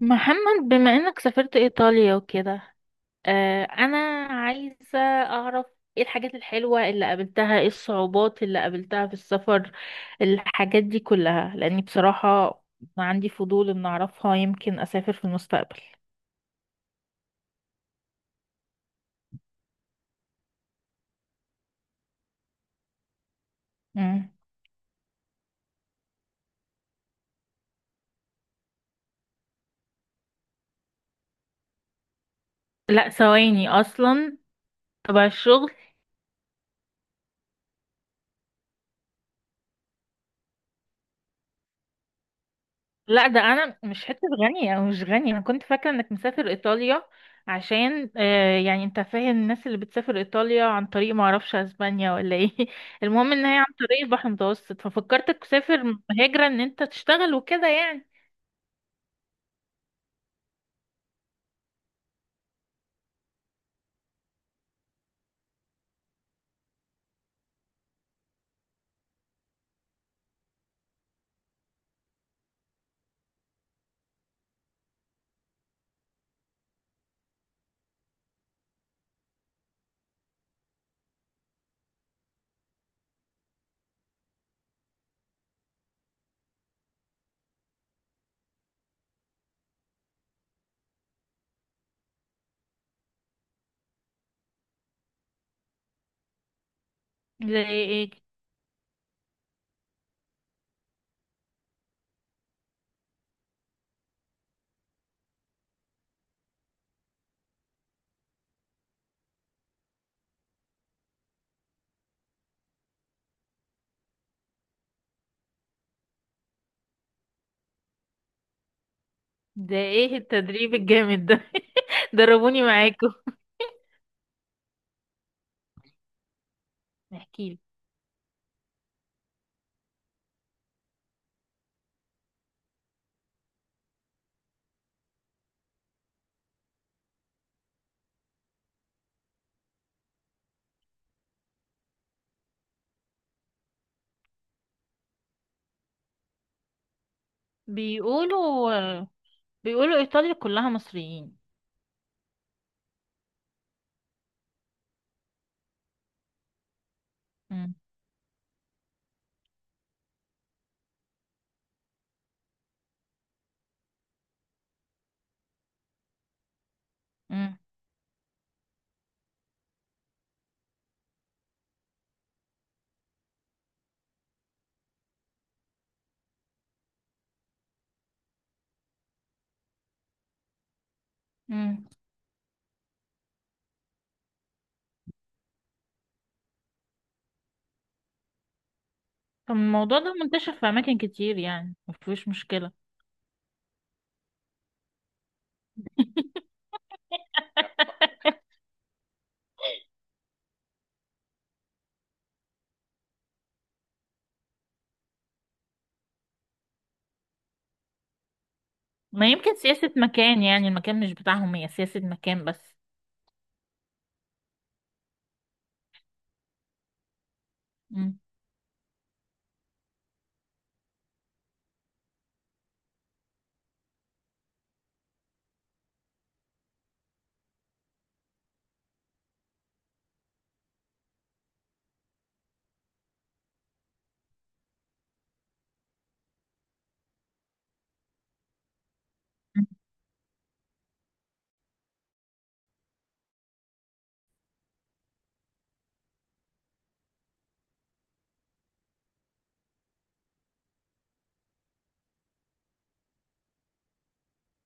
محمد، بما انك سافرت ايطاليا وكده، انا عايزة اعرف ايه الحاجات الحلوة اللي قابلتها، ايه الصعوبات اللي قابلتها في السفر، الحاجات دي كلها، لاني بصراحة عندي فضول ان اعرفها، يمكن اسافر في المستقبل. مم. لا، ثواني اصلا، تبع الشغل. لا، ده انا مش حته غني، او مش غني، انا كنت فاكره انك مسافر ايطاليا. عشان يعني انت فاهم، الناس اللي بتسافر ايطاليا عن طريق، ما اعرفش اسبانيا ولا ايه، المهم ان هي عن طريق البحر المتوسط، ففكرتك تسافر هجره ان انت تشتغل وكده يعني. ده ايه؟ إيه؟ ده ايه التدريب الجامد ده؟ دربوني معاكم. احكيلي. بيقولوا بيقولوا ايطاليا كلها مصريين. مم. مم. مم. طب الموضوع ده منتشر في اماكن كتير يعني، مفيش مشكله. ما يمكن سياسة مكان يعني، المكان مش بتاعهم، هي سياسة مكان بس. مم.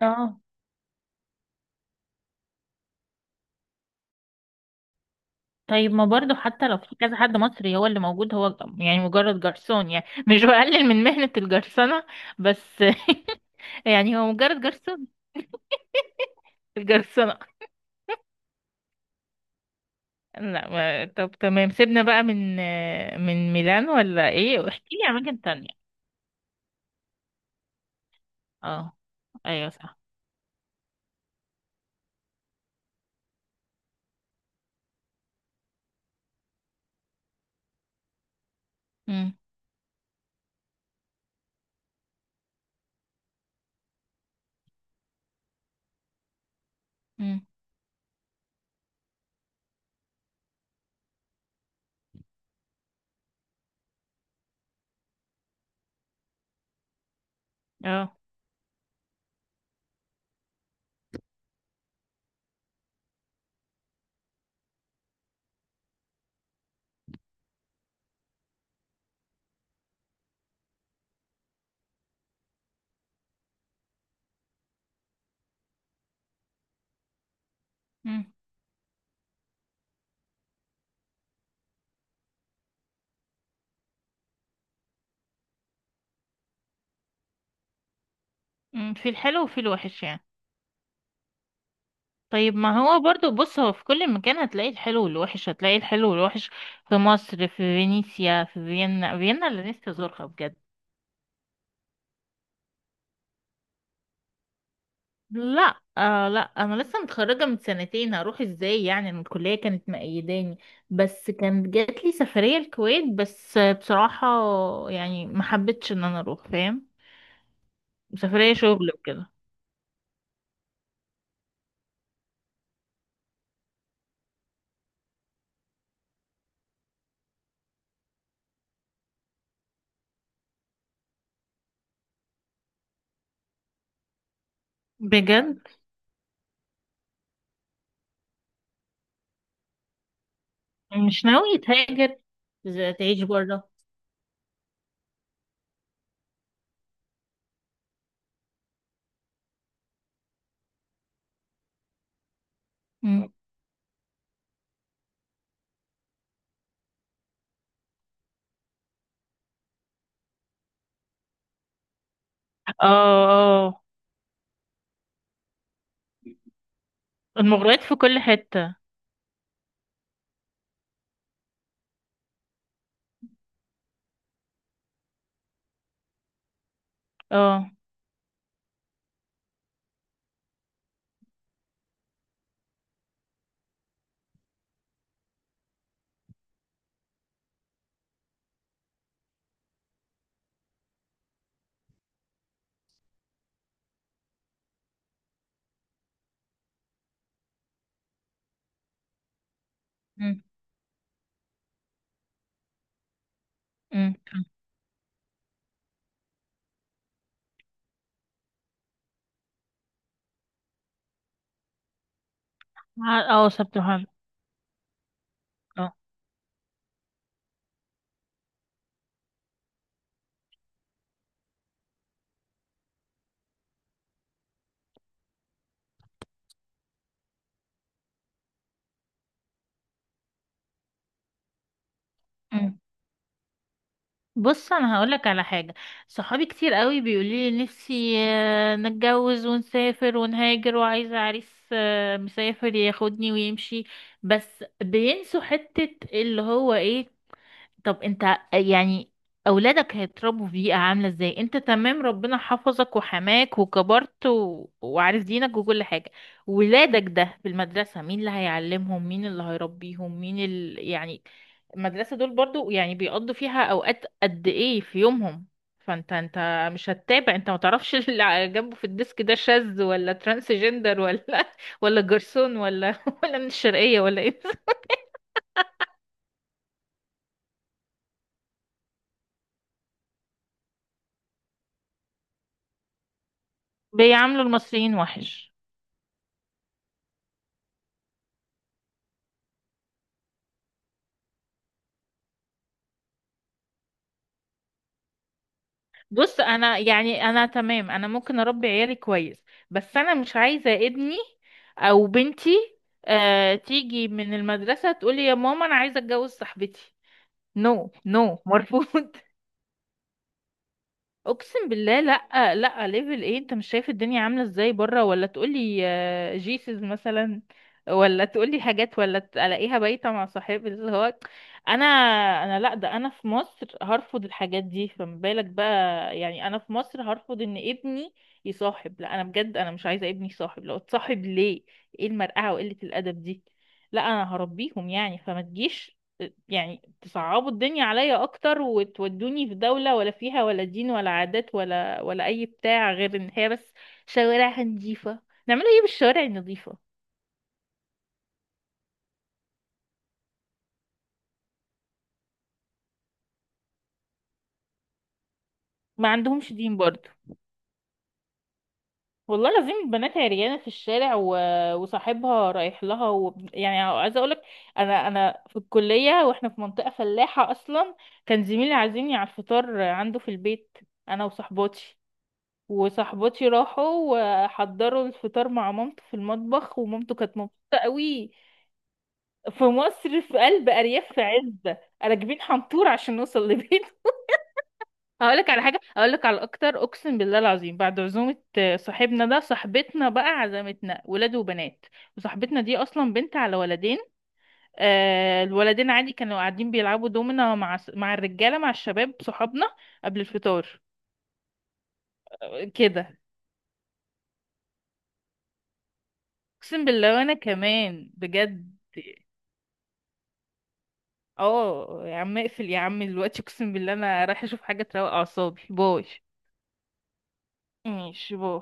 اه. طيب ما برضو، حتى لو في كذا حد مصري هو اللي موجود، هو يعني مجرد جرسون، يعني مش بقلل من مهنة الجرسنة، بس يعني هو مجرد جرسون. الجرسنة. لا، ما... طب تمام، سيبنا بقى من ميلان ولا ايه، واحكي لي عن اماكن تانية. اه، ايوه صح. امم. امم. اه. امم. أمم. في الحلو وفي الوحش يعني. طيب، ما هو برضو، بص، هو في كل مكان هتلاقي الحلو والوحش، هتلاقي الحلو والوحش. في مصر، في فينيسيا، في فيينا. فيينا اللي نفسي ازورها بجد. لا، لا، انا لسه متخرجه من سنتين، هروح ازاي يعني؟ أنا الكليه كانت مقيداني، بس كانت جات لي سفريه الكويت، بس بصراحه يعني ما حبيتش ان انا اروح، فاهم؟ سفريه شغل وكده. بجد مش ناوي تهاجر، تعيش بره؟ اه، اه. المغريات في كل حته. اه. امم. اه، سبت وحد. اه. أمم. بص انا هقولك على حاجه. صحابي كتير قوي بيقولوا لي نفسي نتجوز ونسافر ونهاجر، وعايزه عريس مسافر ياخدني ويمشي. بس بينسوا حته اللي هو ايه. طب انت، يعني اولادك هيتربوا في بيئه عامله ازاي؟ انت تمام، ربنا حفظك وحماك وكبرت وعارف دينك وكل حاجه. ولادك ده في المدرسة، مين اللي هيعلمهم، مين اللي هيربيهم، مين يعني، المدرسة دول برضو يعني، بيقضوا فيها اوقات قد ايه في يومهم؟ فانت مش هتتابع، انت ما تعرفش اللي على جنبه في الديسك ده شاذ، ولا ترانسجندر، ولا ولا جرسون، ولا ولا من الشرقية ولا ايه. بيعاملوا المصريين وحش. بص انا يعني انا تمام، انا ممكن اربي عيالي كويس. بس انا مش عايزة ابني او بنتي تيجي من المدرسة تقولي يا ماما انا عايزة اتجوز صاحبتي. نو، نو، مرفوض. اقسم بالله، لا، لا، ليفل ايه؟ انت مش شايف الدنيا عامله ازاي بره، ولا تقولي جيسز مثلا، ولا تقولي حاجات ولا تلاقيها بايته مع صاحب اللي هو، انا انا لا، ده انا في مصر هرفض الحاجات دي، فما بالك بقى. يعني انا في مصر هرفض ان ابني يصاحب، لا، انا بجد انا مش عايزه ابني يصاحب، لو اتصاحب ليه، ايه المرقعه وقله الادب دي؟ لا، انا هربيهم يعني، فما تجيش يعني تصعبوا الدنيا عليا اكتر، وتودوني في دولة ولا فيها ولا دين ولا عادات، ولا اي بتاع، غير ان هي بس شوارعها نظيفة. نعملوا ايه بالشوارع النظيفة؟ ما عندهمش دين برضو. والله لازم البنات عريانة في الشارع وصاحبها رايح لها، يعني عايزة اقولك، انا في الكلية، واحنا في منطقة فلاحة اصلا، كان زميلي عازمني على الفطار عنده في البيت، انا وصاحباتي، وصاحبتي راحوا وحضروا الفطار مع مامته في المطبخ، ومامته كانت مبسوطة قوي. في مصر، في قلب أرياف، في عزة، راكبين حنطور عشان نوصل لبيته. هقولك على حاجة، هقولك على أكتر. أقسم بالله العظيم، بعد عزومة صاحبنا ده، صاحبتنا بقى عزمتنا، ولاد وبنات، وصاحبتنا دي أصلا بنت على ولدين. آه، الولدين عادي كانوا قاعدين بيلعبوا دومنا مع الرجالة، مع الشباب صحابنا، قبل الفطار. آه، كده. أقسم بالله، وأنا كمان بجد. اه يا عم، اقفل يا عم دلوقتي، اقسم بالله انا رايحه اشوف حاجه تروق اعصابي. باي. ماشي، باي.